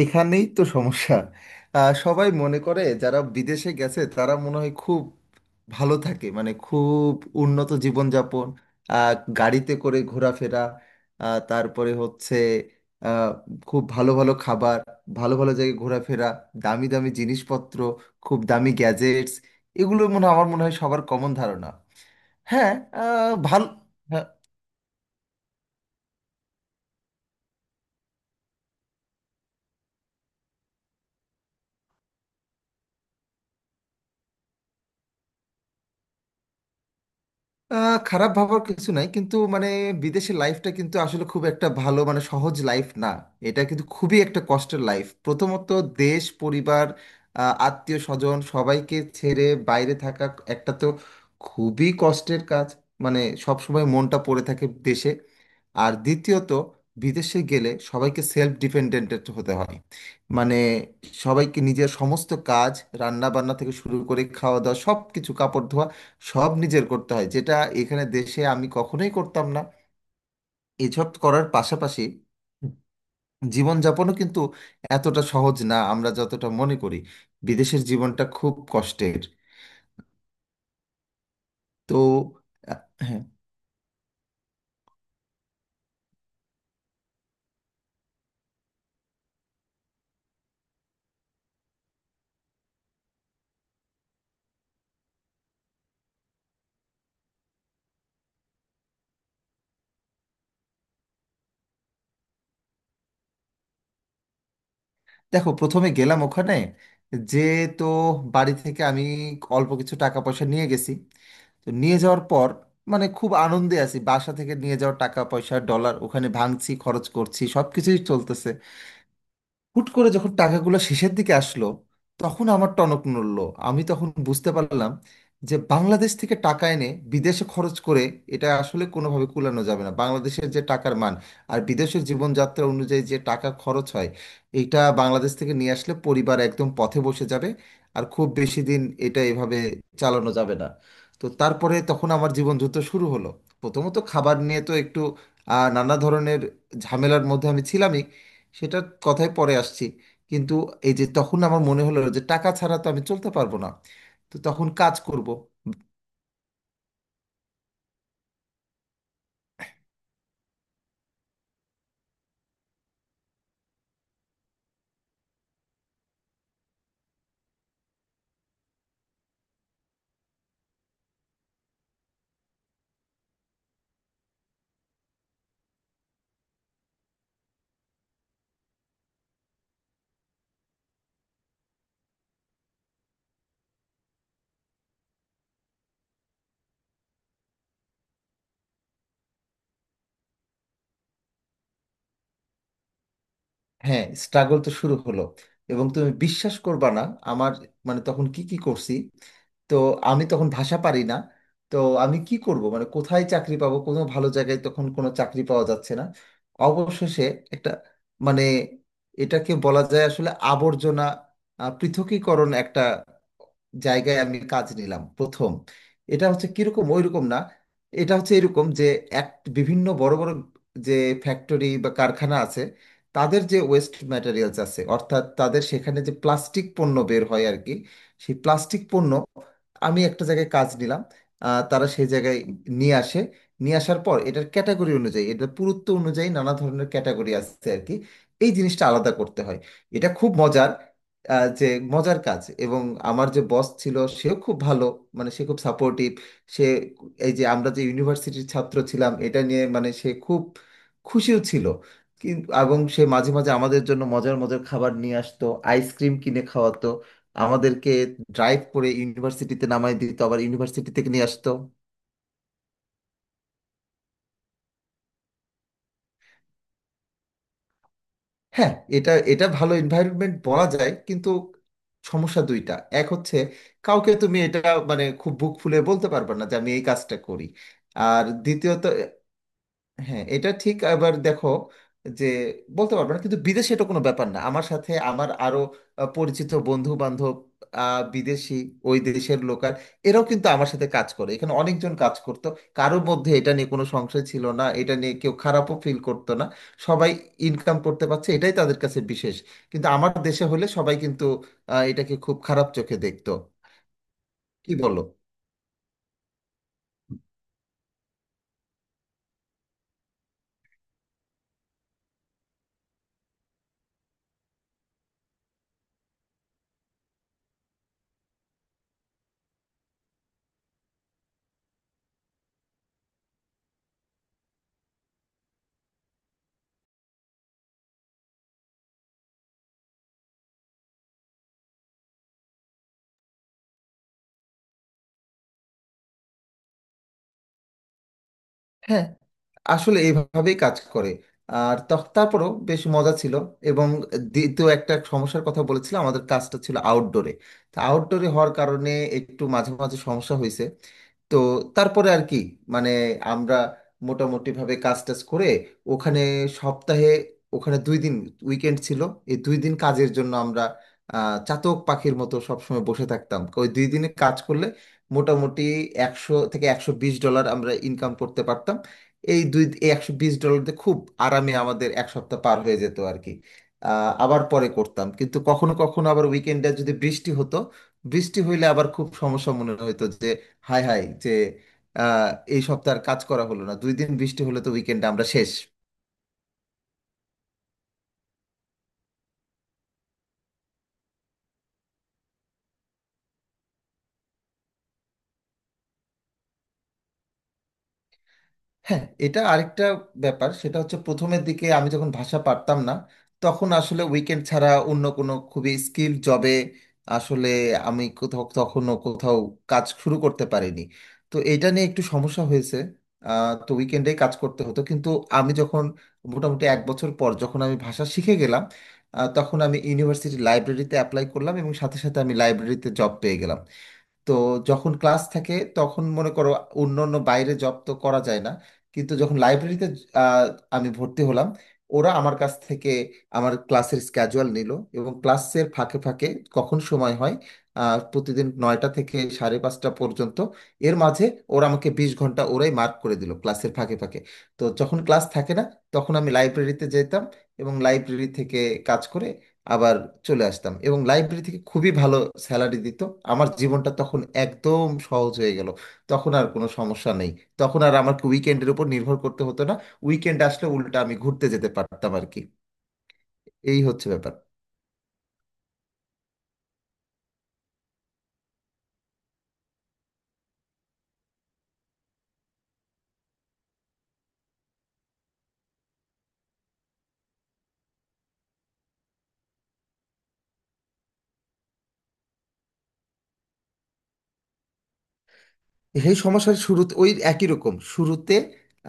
এখানেই তো সমস্যা। সবাই মনে করে যারা বিদেশে গেছে তারা মনে হয় খুব ভালো থাকে, মানে খুব উন্নত জীবনযাপন, আহ, গাড়িতে করে ঘোরাফেরা, তারপরে হচ্ছে আহ, খুব ভালো ভালো খাবার, ভালো ভালো জায়গায় ঘোরাফেরা, দামি দামি জিনিসপত্র, খুব দামি গ্যাজেটস। আমার মনে হয় সবার কমন ধারণা। হ্যাঁ, ভালো। খারাপ ভাবার কিছু নাই, কিন্তু মানে বিদেশের লাইফটা কিন্তু আসলে খুব একটা ভালো, মানে সহজ লাইফ না। এটা কিন্তু খুবই একটা কষ্টের লাইফ। প্রথমত দেশ, পরিবার, আত্মীয় স্বজন সবাইকে ছেড়ে বাইরে থাকা একটা তো খুবই কষ্টের কাজ। মানে সব সময় মনটা পড়ে থাকে দেশে। আর দ্বিতীয়ত বিদেশে গেলে সবাইকে সেলফ ডিপেন্ডেন্ট হতে হয়। মানে সবাইকে নিজের সমস্ত কাজ, রান্না বান্না থেকে শুরু করে খাওয়া দাওয়া সব কিছু, কাপড় ধোয়া, সব নিজের করতে হয়, যেটা এখানে দেশে আমি কখনোই করতাম না। এসব করার পাশাপাশি জীবনযাপনও কিন্তু এতটা সহজ না আমরা যতটা মনে করি। বিদেশের জীবনটা খুব কষ্টের। তো আহ, হ্যাঁ, দেখো, প্রথমে গেলাম ওখানে যে, তো বাড়ি থেকে আমি অল্প কিছু টাকা পয়সা নিয়ে গেছি। তো নিয়ে যাওয়ার পর মানে খুব আনন্দে আছি, বাসা থেকে নিয়ে যাওয়া টাকা পয়সা ডলার ওখানে ভাঙছি, খরচ করছি, সব কিছুই চলতেছে। হুট করে যখন টাকাগুলো শেষের দিকে আসলো, তখন আমার টনক নড়লো। আমি তখন বুঝতে পারলাম যে বাংলাদেশ থেকে টাকা এনে বিদেশে খরচ করে এটা আসলে কোনোভাবে কুলানো যাবে না। বাংলাদেশের যে টাকার মান আর বিদেশের জীবনযাত্রা অনুযায়ী যে টাকা খরচ হয়, এটা বাংলাদেশ থেকে নিয়ে আসলে পরিবার একদম পথে বসে যাবে। আর খুব বেশি দিন এটা এভাবে চালানো যাবে না। তো তারপরে তখন আমার জীবন যুদ্ধ শুরু হলো। প্রথমত খাবার নিয়ে তো একটু নানা ধরনের ঝামেলার মধ্যে আমি ছিলাম। সেটার কথায় পরে আসছি, কিন্তু এই যে, তখন আমার মনে হলো যে টাকা ছাড়া তো আমি চলতে পারবো না। তো তখন কাজ করব। হ্যাঁ, স্ট্রাগল তো শুরু হলো এবং তুমি বিশ্বাস করবা না আমার, মানে তখন কি কি করছি। তো আমি তখন ভাষা পারি না। তো আমি কি করব, মানে কোথায় চাকরি পাবো, কোনো ভালো জায়গায় তখন কোনো চাকরি পাওয়া যাচ্ছে না। অবশেষে একটা, মানে এটাকে বলা যায় আসলে আবর্জনা পৃথকীকরণ একটা জায়গায় আমি কাজ নিলাম প্রথম। এটা হচ্ছে কিরকম, ওইরকম না, এটা হচ্ছে এরকম যে এক, বিভিন্ন বড় বড় যে ফ্যাক্টরি বা কারখানা আছে, তাদের যে ওয়েস্ট ম্যাটেরিয়ালস আছে, অর্থাৎ তাদের সেখানে যে প্লাস্টিক পণ্য বের হয় আর কি, সেই প্লাস্টিক পণ্য, আমি একটা জায়গায় কাজ নিলাম। তারা সেই জায়গায় নিয়ে আসে। নিয়ে আসার পর এটার ক্যাটাগরি অনুযায়ী, এটার পুরুত্ব অনুযায়ী নানা ধরনের ক্যাটাগরি আছে আর কি, এই জিনিসটা আলাদা করতে হয়। এটা খুব মজার যে মজার কাজ, এবং আমার যে বস ছিল সেও খুব ভালো, মানে সে খুব সাপোর্টিভ। সে এই যে আমরা যে ইউনিভার্সিটির ছাত্র ছিলাম এটা নিয়ে, মানে সে খুব খুশিও ছিল। কিন্তু এবং সে মাঝে মাঝে আমাদের জন্য মজার মজার খাবার নিয়ে আসতো, আইসক্রিম কিনে খাওয়াতো আমাদেরকে, ড্রাইভ করে ইউনিভার্সিটিতে নামায় দিত, আবার ইউনিভার্সিটি থেকে নিয়ে আসতো। হ্যাঁ, এটা এটা ভালো এনভায়রনমেন্ট বলা যায়, কিন্তু সমস্যা দুইটা। এক হচ্ছে কাউকে তুমি এটা, মানে খুব বুক ফুলে বলতে পারবে না যে আমি এই কাজটা করি। আর দ্বিতীয়ত, হ্যাঁ এটা ঠিক। আবার দেখো যে বলতে পারবো না, কিন্তু বিদেশে এটা কোনো ব্যাপার না। আমার সাথে আমার আরো পরিচিত বন্ধু বান্ধব, বিদেশি, ওই দেশের লোকাল, এরাও কিন্তু আমার সাথে কাজ করে, এখানে অনেকজন কাজ করতো। কারোর মধ্যে এটা নিয়ে কোনো সংশয় ছিল না, এটা নিয়ে কেউ খারাপও ফিল করতো না। সবাই ইনকাম করতে পারছে এটাই তাদের কাছে বিশেষ। কিন্তু আমার দেশে হলে সবাই কিন্তু এটাকে খুব খারাপ চোখে দেখতো, কি বলো। হ্যাঁ, আসলে এইভাবেই কাজ করে। তারপরও বেশ মজা ছিল এবং দ্বিতীয় একটা সমস্যার কথা বলেছিলাম, আমাদের কাজটা ছিল আউটডোরে। তা আউটডোরে হওয়ার কারণে একটু মাঝে মাঝে সমস্যা হয়েছে। তো তারপরে আর কি, মানে আমরা মোটামুটি ভাবে কাজ টাজ করে ওখানে সপ্তাহে, ওখানে 2 দিন উইকেন্ড ছিল। এই 2 দিন কাজের জন্য আমরা চাতক পাখির মতো সবসময় বসে থাকতাম। ওই 2 দিনে কাজ করলে মোটামুটি 100 থেকে 120 ডলার আমরা ইনকাম করতে পারতাম। এই দুই, 120 ডলার দিয়ে খুব আরামে আমাদের এক সপ্তাহ পার হয়ে যেত আর কি। আবার পরে করতাম, কিন্তু কখনো কখনো আবার উইকেন্ডে যদি বৃষ্টি হতো, বৃষ্টি হইলে আবার খুব সমস্যা মনে হতো যে, হাই হাই যে আহ, এই সপ্তাহ আর কাজ করা হলো না, 2 দিন বৃষ্টি হলে তো উইকেন্ডে আমরা শেষ। হ্যাঁ, এটা আরেকটা ব্যাপার। সেটা হচ্ছে প্রথমের দিকে আমি যখন ভাষা পারতাম না, তখন আসলে উইকেন্ড ছাড়া অন্য কোনো খুবই স্কিল জবে আসলে আমি কোথাও, তখনও কোথাও কাজ শুরু করতে পারিনি। তো এটা নিয়ে একটু সমস্যা হয়েছে। তো উইকেন্ডে কাজ করতে হতো, কিন্তু আমি যখন মোটামুটি এক বছর পর যখন আমি ভাষা শিখে গেলাম, তখন আমি ইউনিভার্সিটি লাইব্রেরিতে অ্যাপ্লাই করলাম এবং সাথে সাথে আমি লাইব্রেরিতে জব পেয়ে গেলাম। তো যখন ক্লাস থাকে তখন মনে করো অন্য অন্য বাইরে জব তো করা যায় না। কিন্তু যখন লাইব্রেরিতে আহ, আমি ভর্তি হলাম, ওরা আমার কাছ থেকে আমার ক্লাসের স্ক্যাজুয়াল নিল এবং ক্লাসের ফাঁকে ফাঁকে কখন সময় হয়, প্রতিদিন 9টা থেকে সাড়ে 5টা পর্যন্ত এর মাঝে ওরা আমাকে 20 ঘন্টা ওরাই মার্ক করে দিল ক্লাসের ফাঁকে ফাঁকে। তো যখন ক্লাস থাকে না তখন আমি লাইব্রেরিতে যেতাম এবং লাইব্রেরি থেকে কাজ করে আবার চলে আসতাম। এবং লাইব্রেরি থেকে খুবই ভালো স্যালারি দিত। আমার জীবনটা তখন একদম সহজ হয়ে গেল, তখন আর কোনো সমস্যা নেই। তখন আর আমাকে উইকেন্ডের উপর নির্ভর করতে হতো না, উইকেন্ড আসলে উল্টা আমি ঘুরতে যেতে পারতাম আর কি। এই হচ্ছে ব্যাপার। এই সমস্যার শুরুতে ওই একই রকম শুরুতে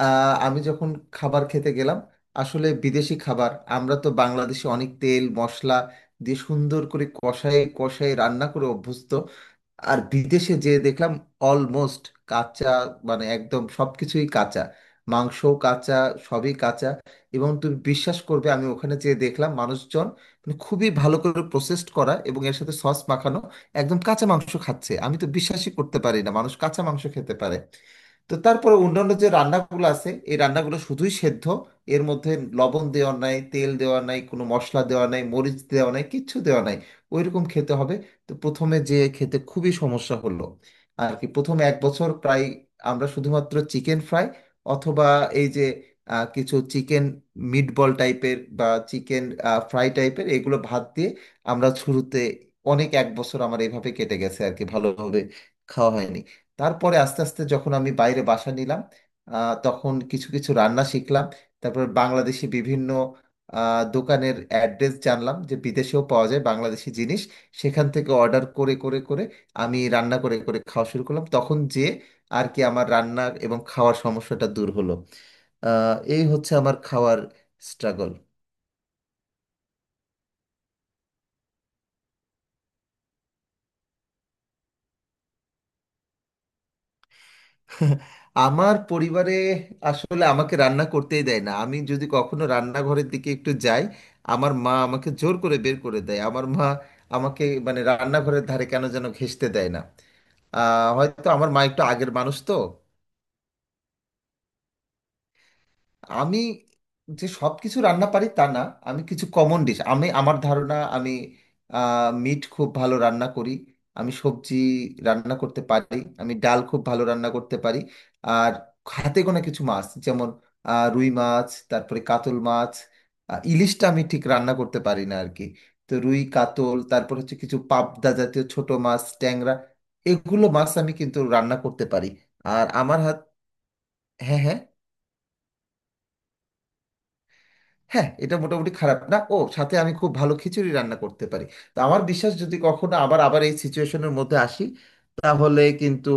আমি যখন খাবার খেতে গেলাম, আসলে বিদেশি খাবার, আমরা তো বাংলাদেশে অনেক তেল মশলা দিয়ে সুন্দর করে কষায় কষায় রান্না করে অভ্যস্ত। আর বিদেশে যে দেখলাম অলমোস্ট কাঁচা, মানে একদম সবকিছুই কাঁচা, মাংসও কাঁচা, সবই কাঁচা। এবং তুমি বিশ্বাস করবে আমি ওখানে যেয়ে দেখলাম মানুষজন, মানে খুবই ভালো করে প্রসেসড করা এবং এর সাথে সস মাখানো একদম কাঁচা মাংস খাচ্ছে। আমি তো বিশ্বাসই করতে পারি না মানুষ কাঁচা মাংস খেতে পারে। তো তারপরে অন্যান্য যে রান্নাগুলো আছে, এই রান্নাগুলো শুধুই সেদ্ধ। এর মধ্যে লবণ দেওয়া নাই, তেল দেওয়া নাই, কোনো মশলা দেওয়া নাই, মরিচ দেওয়া নাই, কিচ্ছু দেওয়া নাই, ওইরকম খেতে হবে। তো প্রথমে যে খেতে খুবই সমস্যা হলো আর কি। প্রথমে এক বছর প্রায় আমরা শুধুমাত্র চিকেন ফ্রাই অথবা এই যে কিছু চিকেন মিটবল টাইপের বা চিকেন ফ্রাই টাইপের এগুলো ভাত দিয়ে আমরা শুরুতে, অনেক এক বছর আমার এইভাবে কেটে গেছে আর কি, ভালোভাবে খাওয়া হয়নি। তারপরে আস্তে আস্তে যখন আমি বাইরে বাসা নিলাম, তখন কিছু কিছু রান্না শিখলাম। তারপর বাংলাদেশি বিভিন্ন দোকানের অ্যাড্রেস জানলাম যে বিদেশেও পাওয়া যায় বাংলাদেশি জিনিস। সেখান থেকে অর্ডার করে করে করে আমি রান্না করে করে খাওয়া শুরু করলাম তখন যে আর কি, আমার রান্না এবং খাওয়ার সমস্যাটা দূর হলো। এই হচ্ছে আমার খাওয়ার স্ট্রাগল। আমার পরিবারে আসলে আমাকে রান্না করতেই দেয় না। আমি যদি কখনো রান্নাঘরের দিকে একটু যাই, আমার মা আমাকে জোর করে বের করে দেয়। আমার মা আমাকে মানে রান্নাঘরের ধারে কেন যেন ঘেঁষতে দেয় না। হয়তো আমার মা একটু আগের মানুষ তো। আমি যে সব কিছু রান্না পারি তা না, আমি কিছু কমন ডিশ, আমি আমার ধারণা আমি মিট খুব ভালো রান্না করি, আমি সবজি রান্না করতে পারি, আমি ডাল খুব ভালো রান্না করতে পারি। আর হাতে গোনা কিছু মাছ, যেমন রুই মাছ, তারপরে কাতল মাছ, ইলিশটা আমি ঠিক রান্না করতে পারি না আর কি। তো রুই, কাতল, তারপর হচ্ছে কিছু পাবদা জাতীয় ছোট মাছ, ট্যাংরা, এগুলো মাছ আমি কিন্তু রান্না করতে পারি। আর আমার হাত, হ্যাঁ হ্যাঁ, হ্যাঁ এটা মোটামুটি খারাপ না। ও সাথে আমি খুব ভালো খিচুড়ি রান্না করতে পারি। তো আমার বিশ্বাস যদি কখনো আবার আবার এই সিচুয়েশনের মধ্যে আসি, তাহলে কিন্তু,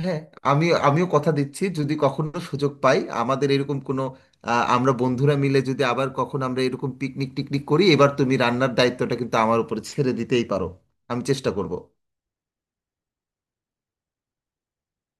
হ্যাঁ। আমি, আমিও কথা দিচ্ছি যদি কখনো সুযোগ পাই, আমাদের এরকম কোনো আমরা বন্ধুরা মিলে যদি আবার কখনো আমরা এরকম পিকনিক টিকনিক করি, এবার তুমি রান্নার দায়িত্বটা কিন্তু আমার উপরে ছেড়ে দিতেই পারো। আমি চেষ্টা করব।